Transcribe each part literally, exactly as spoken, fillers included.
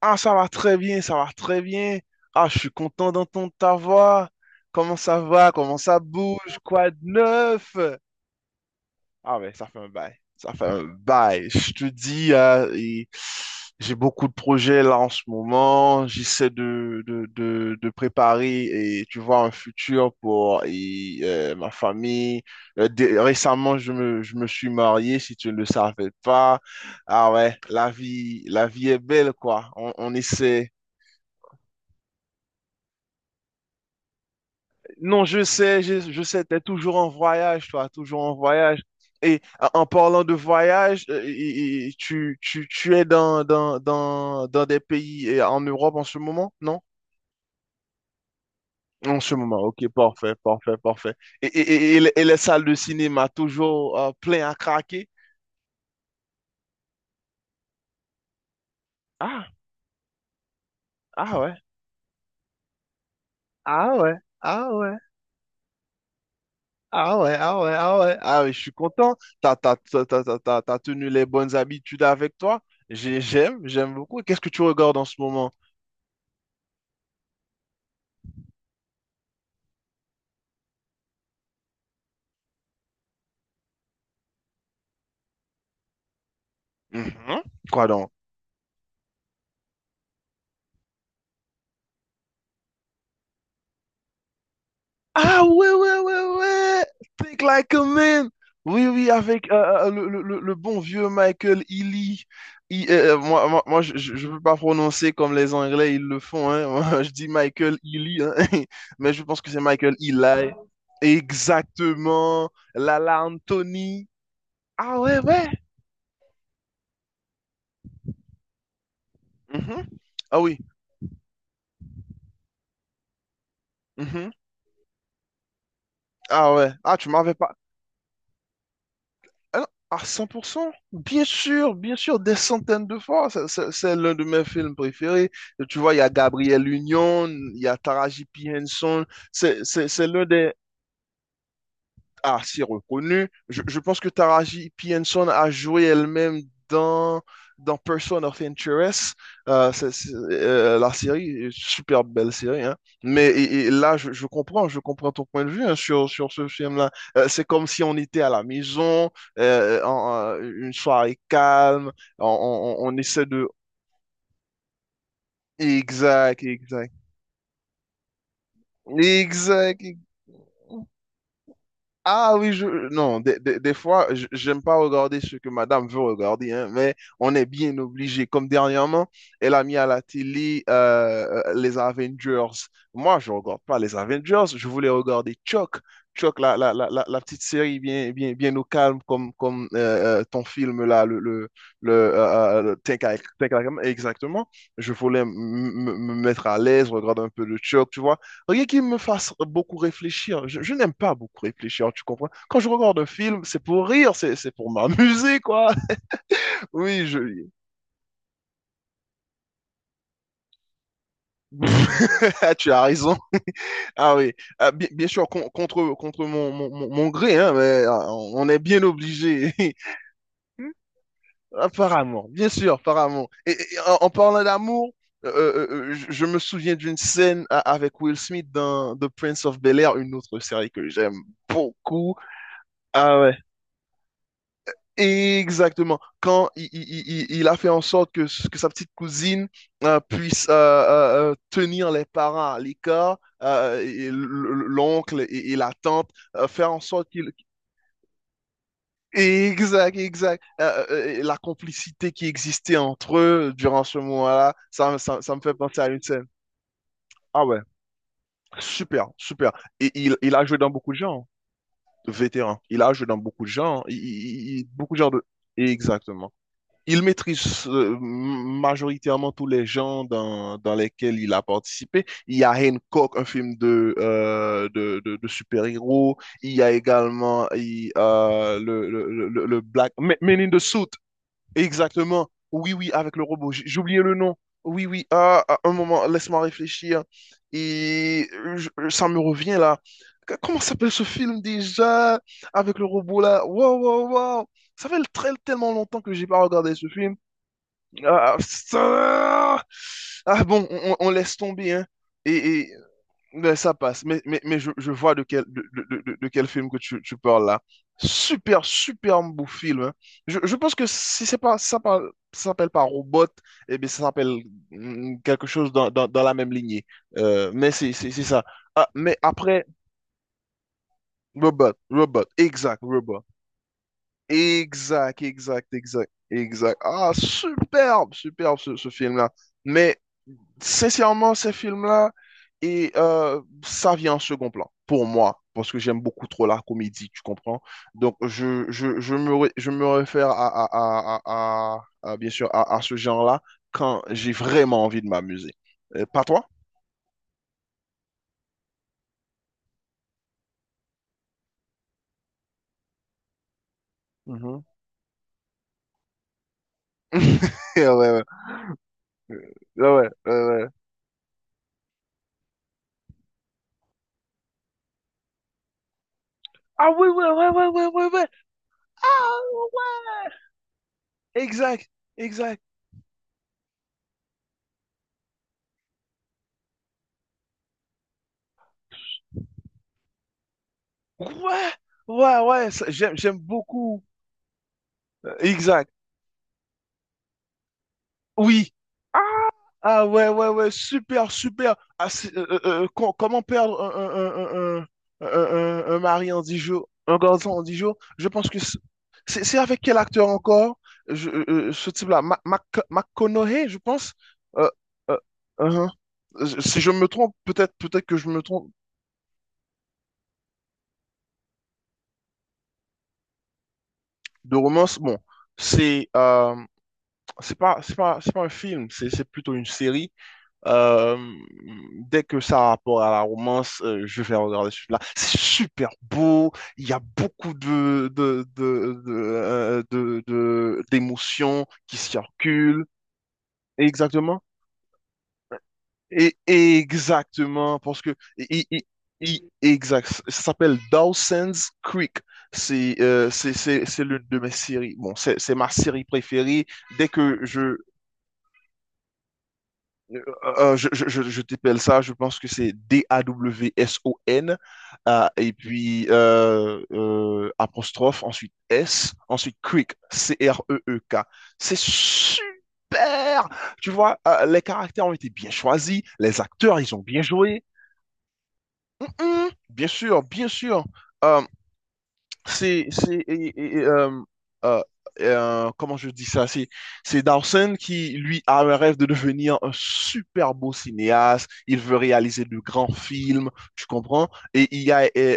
Ah, ça va très bien, ça va très bien. Ah, je suis content d'entendre ta voix. Comment ça va? Comment ça bouge? Quoi de neuf? Ah ouais, ça fait un bail. Ça fait un bail. Je te dis, euh, et j'ai beaucoup de projets là en ce moment. J'essaie de, de, de, de préparer, et, tu vois, un futur pour et, euh, ma famille. Euh, dé- récemment, je me, je me suis marié, si tu ne le savais pas. Ah ouais, la vie, la vie est belle, quoi. On, on essaie, non, je sais, je, je sais, t'es toujours en voyage, toi, toujours en voyage. Et en en parlant de voyage, euh, et- et tu, tu, tu es dans, dans, dans, dans des pays euh, en Europe en ce moment, non? En ce moment, ok, parfait, parfait, parfait. Et, et, et- et les et les salles de cinéma, toujours euh, plein à craquer? Ah, ah ouais, ah ouais, ah ouais, ah ouais, ah ouais, ah ouais, ah ouais, je suis content. T'as, t'as, t'as, t'as, t'as- t'as- t'as tenu les bonnes habitudes avec toi. J'ai- J'aime, j'aime beaucoup. Qu'est-ce que tu regardes en ce moment? Mhm. Quoi donc? Ah ouais, ouais, ouais, ouais. Think like a man. Oui, oui, avec euh, euh, le, le- le- le bon vieux Michael Ealy. Il- euh, euh, moi, moi, moi, je je- je peux pas prononcer comme les Anglais, ils le font, hein. Moi, je dis Michael Ealy, hein. Mais je pense que c'est Michael Eli. Exactement. Lala Anthony. Ah ouais, ouais. Mhm. Ah oui. Mhm. Ah ouais. Ah, tu m'avais pas. Ah non, à cent pour cent, bien sûr, bien sûr, des centaines de fois. Ça- ça- C'est l'un de mes films préférés. Tu vois, il y a Gabriel Union, il y a Taraji P. Henson. C'est c'est- c'est l'un des, assez reconnu. Je, je pense que Taraji P. Henson a joué elle-même dans, dans, Person of Interest, euh, c'est- c'est, euh, la série, super belle série, hein. Mais et- et là, je, je comprends, je comprends ton point de vue hein, sur, sur ce film-là. Euh, c'est comme si on était à la maison, euh, euh, en- en- une soirée calme, on, on, on essaie de... Exact, exact. Exact. Ah oui, je... non, des, des- des fois, je- j'aime pas regarder ce que madame veut regarder, hein, mais on est bien obligé. Comme dernièrement, elle a mis à la télé euh, euh, les Avengers. Moi, je regarde pas les Avengers, je voulais regarder Chuck. Chuck, la, la, la, la, la petite série bien, bien, bien au calme, comme, comme euh, euh, ton film là, le, le, le, euh, euh, le Think I- Think I Am, exactement. Je voulais m- m- me mettre à l'aise, regarder un peu de Chuck, tu vois. Rien qui me fasse beaucoup réfléchir. Je, je n'aime pas beaucoup réfléchir, tu comprends? Quand je regarde un film, c'est pour rire, c'est, c'est pour m'amuser, quoi. Oui, je... Tu as raison. Ah oui. Ah, bien, bien sûr, con- contre, contre mon, mon, mon- mon gré, hein, mais ah, on est bien obligé. Apparemment, bien sûr, apparemment. Et, et en, en parlant d'amour, euh, euh, euh, euh, je, je me souviens d'une scène a- avec Will Smith dans The Prince of Bel-Air, une autre série que j'aime beaucoup. Ah ouais. Exactement. Quand i- i- i- il, a fait en sorte que, que sa petite cousine euh, puisse euh, euh, euh, tenir les parents à l'écart, euh, et l- l'oncle et, et la tante, euh, faire en sorte qu'il... Exact, exact. Euh, euh, euh, la complicité qui existait entre eux durant ce moment-là, ça, ça, ça me fait penser à une scène. Ah ouais, super, super. Et il, il a joué dans beaucoup de genres, vétéran. Il a joué dans beaucoup de genres, il- il- il- beaucoup de genres de... Exactement. Il maîtrise euh, majoritairement tous les genres dans, dans lesquels il a participé. Il y a Hancock, un film de, euh, de, de, de super-héros. Il y a également il- euh, le, le, le, le Black Men Men in the Suit, exactement. Oui, oui, avec le robot. J'ai j'ai oublié le nom. Oui, oui. Ah, ah, un moment, laisse-moi réfléchir. Et euh, je- euh, ça me revient là. Qu- Comment s'appelle ce film déjà? Avec le robot là. Waouh, waouh, waouh. Ça fait très, tellement longtemps que j'ai pas regardé ce film. Ah, ça. Ah bon, on, on- on laisse tomber, hein. Et, mais ça passe. Mais, mais, mais je, je vois de quel, de, de- de- de quel film que tu, tu parles là. Super, super beau film, hein. Je, je pense que si c'est pas, ça parle- ça s'appelle pas Robot, eh bien, ça s'appelle mm, quelque chose dans, dans, dans la même lignée. Euh, mais c'est c'est- c'est ça. Ah, mais après, Robot, Robot, exact, Robot. Exact, exact, exact, exact. Ah, superbe, superbe ce, ce film-là. Mais sincèrement, ces films-là, et euh, ça vient en second plan, pour moi, parce que j'aime beaucoup trop la comédie, tu comprends? Donc, je, je, je me, ré- je me réfère à, à- à- à- à- à- bien sûr, à, à ce genre-là quand j'ai vraiment envie de m'amuser. Euh, pas toi? Mhm. Ouais, ouais, ouais, ouais, ouais, ouais. Ah oui, ouais, ouais, ouais, ouais, ouais, ouais. Ah ouais! Exact, exact. Ouais, ouais, ouais, ça- j'aime, j'aime beaucoup. Euh, Exact. Oui. Ah, ah, ouais, ouais, ouais, super, super. Ah, c'est- euh, euh, euh, com- comment perdre un, un, un, un, un, un- un mari en dix jours, un garçon en dix jours? Je pense que c'est c'est- c'est avec quel acteur encore? Je- euh, euh, ce type-là, Ma- Mac, McConaughey, je pense. Euh, euh, uh-huh. Euh, Si je me trompe, peut-être peut-être que je me trompe de romance. Bon, c'est. euh, c'est pas, c'est pas, c'est pas un film, c'est, c'est plutôt une série. Euh, Dès que ça a rapport à la romance, euh, je vais regarder celui-là. C'est super beau, il y a beaucoup de, de, de, de, euh, de- de- d'émotions qui circulent. Exactement. Et exactement, parce que i- i- i- exact, ça s'appelle Dawson's Creek. C'est euh, c'est c'est c'est l'une de mes séries. Bon, c'est c'est ma série préférée. Dès que je Euh, euh, euh, je, je, je, je t'appelle ça, je pense que c'est D A W S O N, euh, et puis euh, euh, apostrophe, ensuite S, ensuite Creek, C R E E K. C'est super! Tu vois, euh, les caractères ont été bien choisis, les acteurs, ils ont bien joué. Mm, mm, bien sûr, bien sûr. Euh, c'est, c'est, et- et- euh, euh, euh, Comment je dis ça? C'est, c'est Dawson qui, lui, a un rêve de devenir un super beau cinéaste. Il veut réaliser de grands films, tu comprends? Et il y a euh, euh,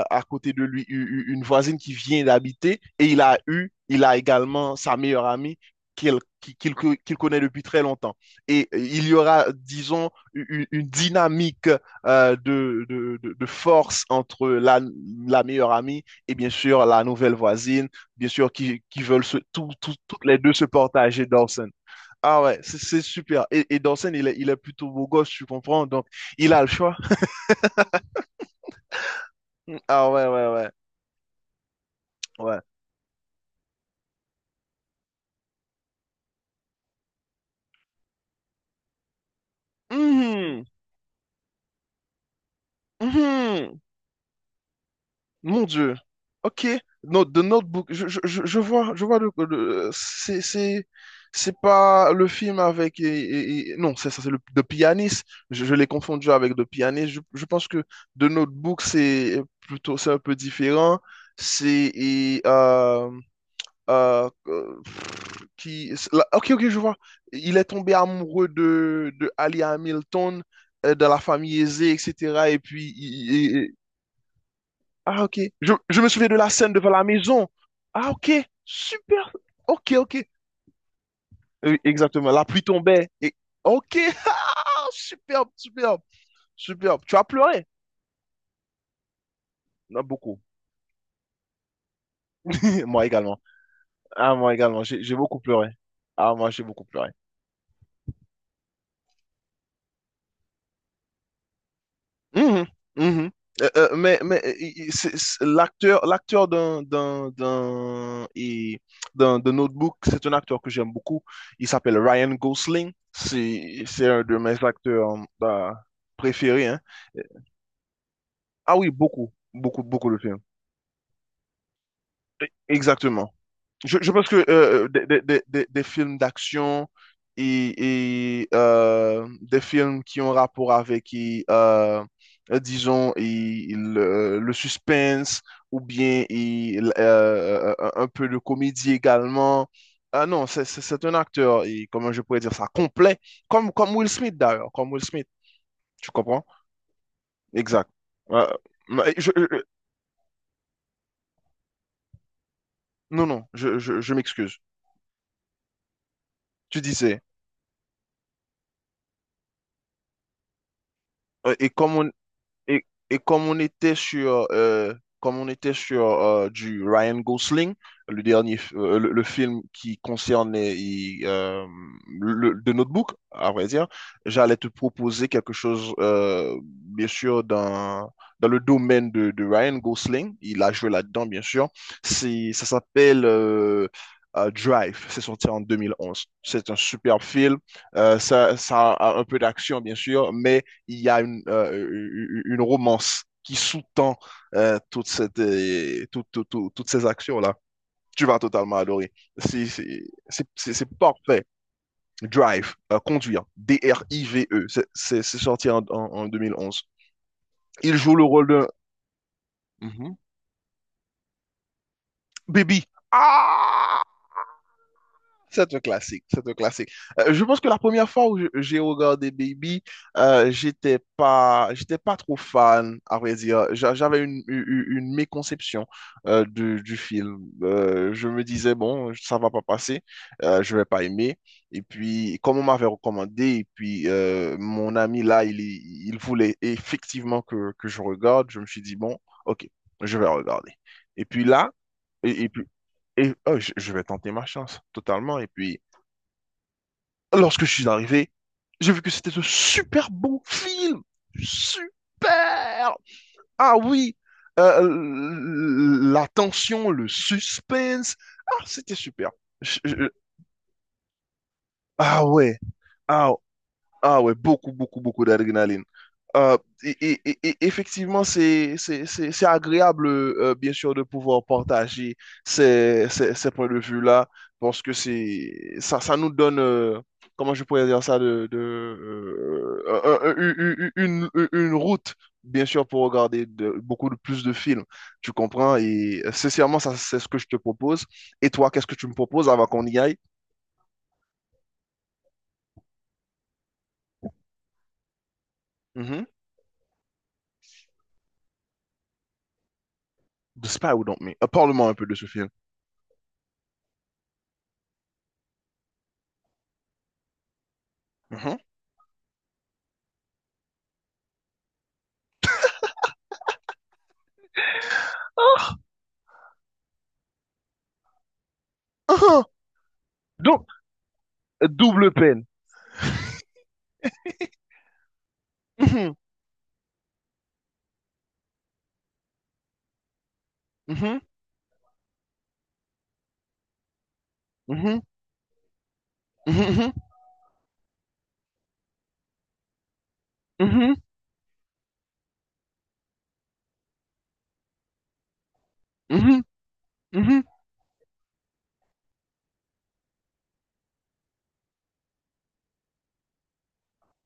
euh, à côté de lui u- u- une voisine qui vient d'habiter et il a eu, il a également sa meilleure amie qu'il qui- qu'il co- qu'il connaît depuis très longtemps. Et euh, il y aura, disons, u- u- une, dynamique euh, de, de, de- de force entre la, la meilleure amie et bien sûr la nouvelle voisine, bien sûr qui, qui veulent se- tout- tout- toutes les deux se partager Dawson. Ah ouais, c'est c'est super. Et, et Dawson, il est, il est plutôt beau gosse, tu comprends? Donc, il a le choix. Ah ouais, ouais, ouais, ouais. Mhm, mhm. Mon Dieu. Ok. Note, The Notebook. Je, je, je- je vois, je vois le, le- c'est, c'est, c'est pas le film avec, et- et- et- non, c'est ça, c'est le The Pianist. Je, je l'ai confondu avec The Pianist. Je, je pense que The Notebook, c'est plutôt, c'est un peu différent. C'est, et, euh, euh, euh, pff, qui, c'est la- Ok, ok, je vois. Il est tombé amoureux de, de Ali Hamilton, euh, de la famille aisée, et cetera. Et puis, ah, ok. Je, je me souviens de la scène devant la maison. Ah, ok. Super. Ok, ok. Oui, exactement. La pluie tombait. Et... Ok. Ah, superbe, superbe, superbe. Tu as pleuré? Non, beaucoup. Moi également. Ah, moi également. J'ai j'ai beaucoup pleuré. Ah, moi, j'ai beaucoup pleuré. Mhm, mhm. Euh, euh, mais mais euh, il- il- c'est- c'est- l'acteur l'acteur d'un d'un d'un et d'un de Notebook, c'est un acteur que j'aime beaucoup. Il s'appelle Ryan Gosling. C'est c'est un de mes acteurs euh, préférés, hein. Ah oui, beaucoup beaucoup beaucoup de films. E-, Exactement. Je, je pense que euh, des, des- des- des- des films d'action et, et, euh, des films qui ont rapport avec, et, euh, euh, disons, et le, le suspense ou bien et, euh, euh, un peu de comédie également. Ah non, c'est c'est- c'est un acteur, et comment je pourrais dire ça, complet, comme, comme Will Smith d'ailleurs, comme Will Smith, tu comprends? Exact. Euh, mais je- je- non, non, je, je, je m'excuse. Tu disais, euh, et comme Et, et comme on était sur, euh, comme on était sur euh, du Ryan Gosling, le dernier, f- euh, le, le film qui concernait il, euh, le, The Notebook, à vrai dire, j'allais te proposer quelque chose, euh, bien sûr, dans, dans le domaine de, de Ryan Gosling. Il a joué là-dedans, bien sûr. C'est, ça s'appelle euh, euh, Drive. C'est sorti en deux mille onze. C'est un super film. Euh, ça, ça a un peu d'action, bien sûr, mais il y a une, euh, une romance qui sous-tend euh, toute cette, euh, tout- tout- tout- toutes ces actions-là. Tu vas totalement adorer. C'est c'est- c'est- c'est- c'est parfait. Drive, euh, conduire, D-R-I-V-E, c'est c'est- c'est sorti en, en- en deux mille onze. Il joue le rôle de Mhm. Baby. Ah! C'est un classique, c'est un classique. Euh, je pense que la première fois où je- j'ai regardé Baby, euh, j'étais pas, j'étais pas trop fan, à vrai dire. J'a- J'avais une, une, une méconception euh, du, du film. Euh, je me disais, bon, ça va pas passer, euh, je vais pas aimer. Et puis, comme on m'avait recommandé, et puis euh, mon ami là, il, est- il voulait effectivement que, que je regarde, je me suis dit, bon, ok, je vais regarder. Et puis là, et, et puis, et, oh, je, je vais tenter ma chance totalement. Et puis, lorsque je suis arrivé, j'ai vu que c'était un super bon film. Super! Ah oui, euh, la tension, le suspense. Ah, c'était super. Je- je- ah ouais, ah ah ouais, beaucoup, beaucoup, beaucoup d'adrénaline. Euh, et, et- et- et effectivement, c'est, c'est, c'est- c'est agréable, euh, bien sûr, de pouvoir partager ces, ces- ces points de vue-là, parce que c'est, ça, ça nous donne, euh, comment je pourrais dire ça, de, de, euh, un- un- une, une- une route, bien sûr, pour regarder de- beaucoup de, plus de films. Tu comprends? Et euh, sincèrement, ça, c'est ce que je te propose. Et toi, qu'est-ce que tu me proposes avant qu'on y aille? Mhm. De Spy Don't Me. Euh, Parle-moi un peu de ce film. Mhm. Mhm. Donc, euh, double peine. Mhm. Mhm. Mhm. Mhm. Mhm. Mhm. Mhm.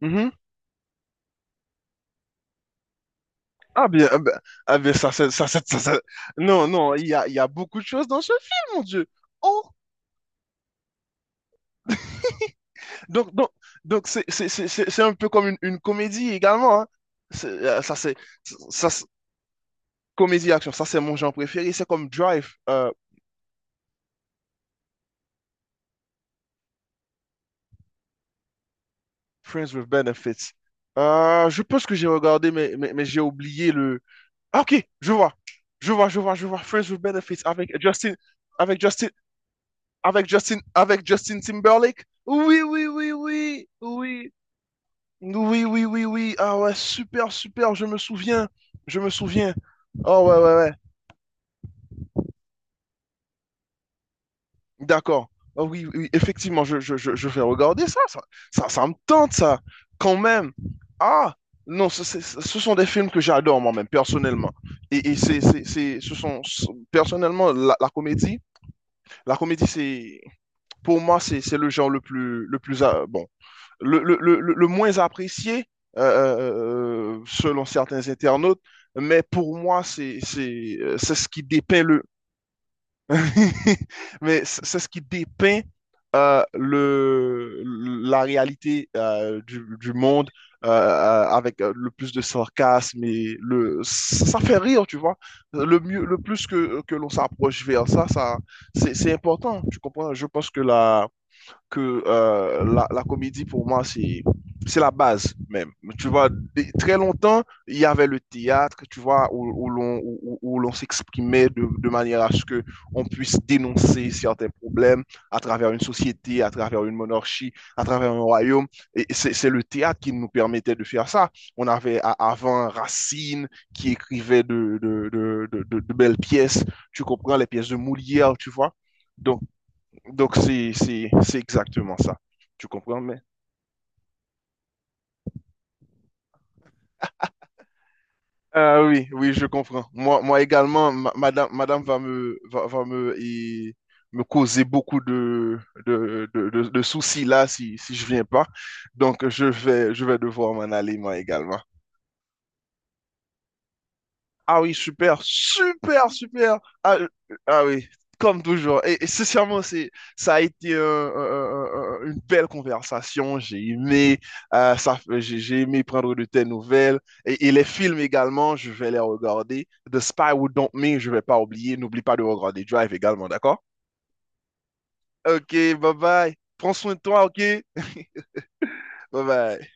Mhm. Ah bien, ah ben, ah bien, ça, c'est- ça, c'est- ça, c'est- non, non, il y a, il y a beaucoup de choses dans ce film, mon Dieu. Oh, donc, donc, donc c'est c'est- c'est- c'est- c'est un peu comme une, une comédie également, hein. C'est, euh, ça, c'est ça, c'est- comédie action. Ça, c'est mon genre préféré. C'est comme Drive, euh, Friends with Benefits. Euh, je pense que j'ai regardé, mais, mais, mais j'ai oublié. Ah, ok, je vois. Je vois, je vois, je vois. Friends with Benefits avec Justin, avec Justin, avec Justin, avec Justin Timberlake. Oui, oui, oui, oui, oui. Oui, oui, oui, oui. Ah ouais, super, super. Je me souviens. Je me souviens. Oh ouais, ouais, ouais. D'accord. Ah oui, oui, effectivement, je, je, je, je vais regarder ça, ça. Ça, ça me tente, ça. Quand même. Ah, non, ce, c'est- ce sont des films que j'adore moi-même, personnellement. Et, et c'est, c'est, c'est, ce sont, personnellement, la la comédie. La comédie, c'est, pour moi, c'est c'est le genre le plus, le plus, euh, bon, le, le, le, le- moins apprécié euh, euh, euh, selon certains internautes, mais pour moi, c'est c'est euh, c'est ce qui dépeint le, Mais c- c'est ce qui dépeint euh, le, la réalité euh, du, du monde euh, euh, avec euh, le plus de sarcasme et le, ça ça fait rire, tu vois. Le mieux, le plus que, que l'on s'approche vers ça, ça, c'est, c'est important, tu comprends? Je pense que la, que euh, la, la comédie, pour moi, c'est c'est la base même. Tu vois, dès- très longtemps, il y avait le théâtre, tu vois, où, où l'on où, où- où l'on s'exprimait de, de manière à ce que on puisse dénoncer certains problèmes à travers une société, à travers une monarchie, à travers un royaume. Et c'est c'est le théâtre qui nous permettait de faire ça. On avait a- avant Racine qui écrivait de, de, de, de, de- de belles pièces, tu comprends, les pièces de Molière, tu vois. Donc, c'est, c'est, c'est exactement ça. Tu comprends, mais... Ah oui, oui, je comprends. Moi, moi également, ma- madame, madame va me, va, va me et me causer beaucoup de, de, de, de- de soucis là si, si je viens pas. Donc, je vais, je vais devoir m'en aller, moi également. Ah oui, super, super, super. Ah, euh, ah oui, comme toujours. Et, et sincèrement, c'est, ça a été euh, euh, euh, une belle conversation. J'ai aimé, euh, ça, j'ai j'ai aimé prendre de tes nouvelles. Et, et les films également, je vais les regarder. The Spy Who Dumped Me, je vais pas oublier. N'oublie pas de regarder Drive également, d'accord? Ok, bye bye. Prends soin de toi, ok? Bye bye.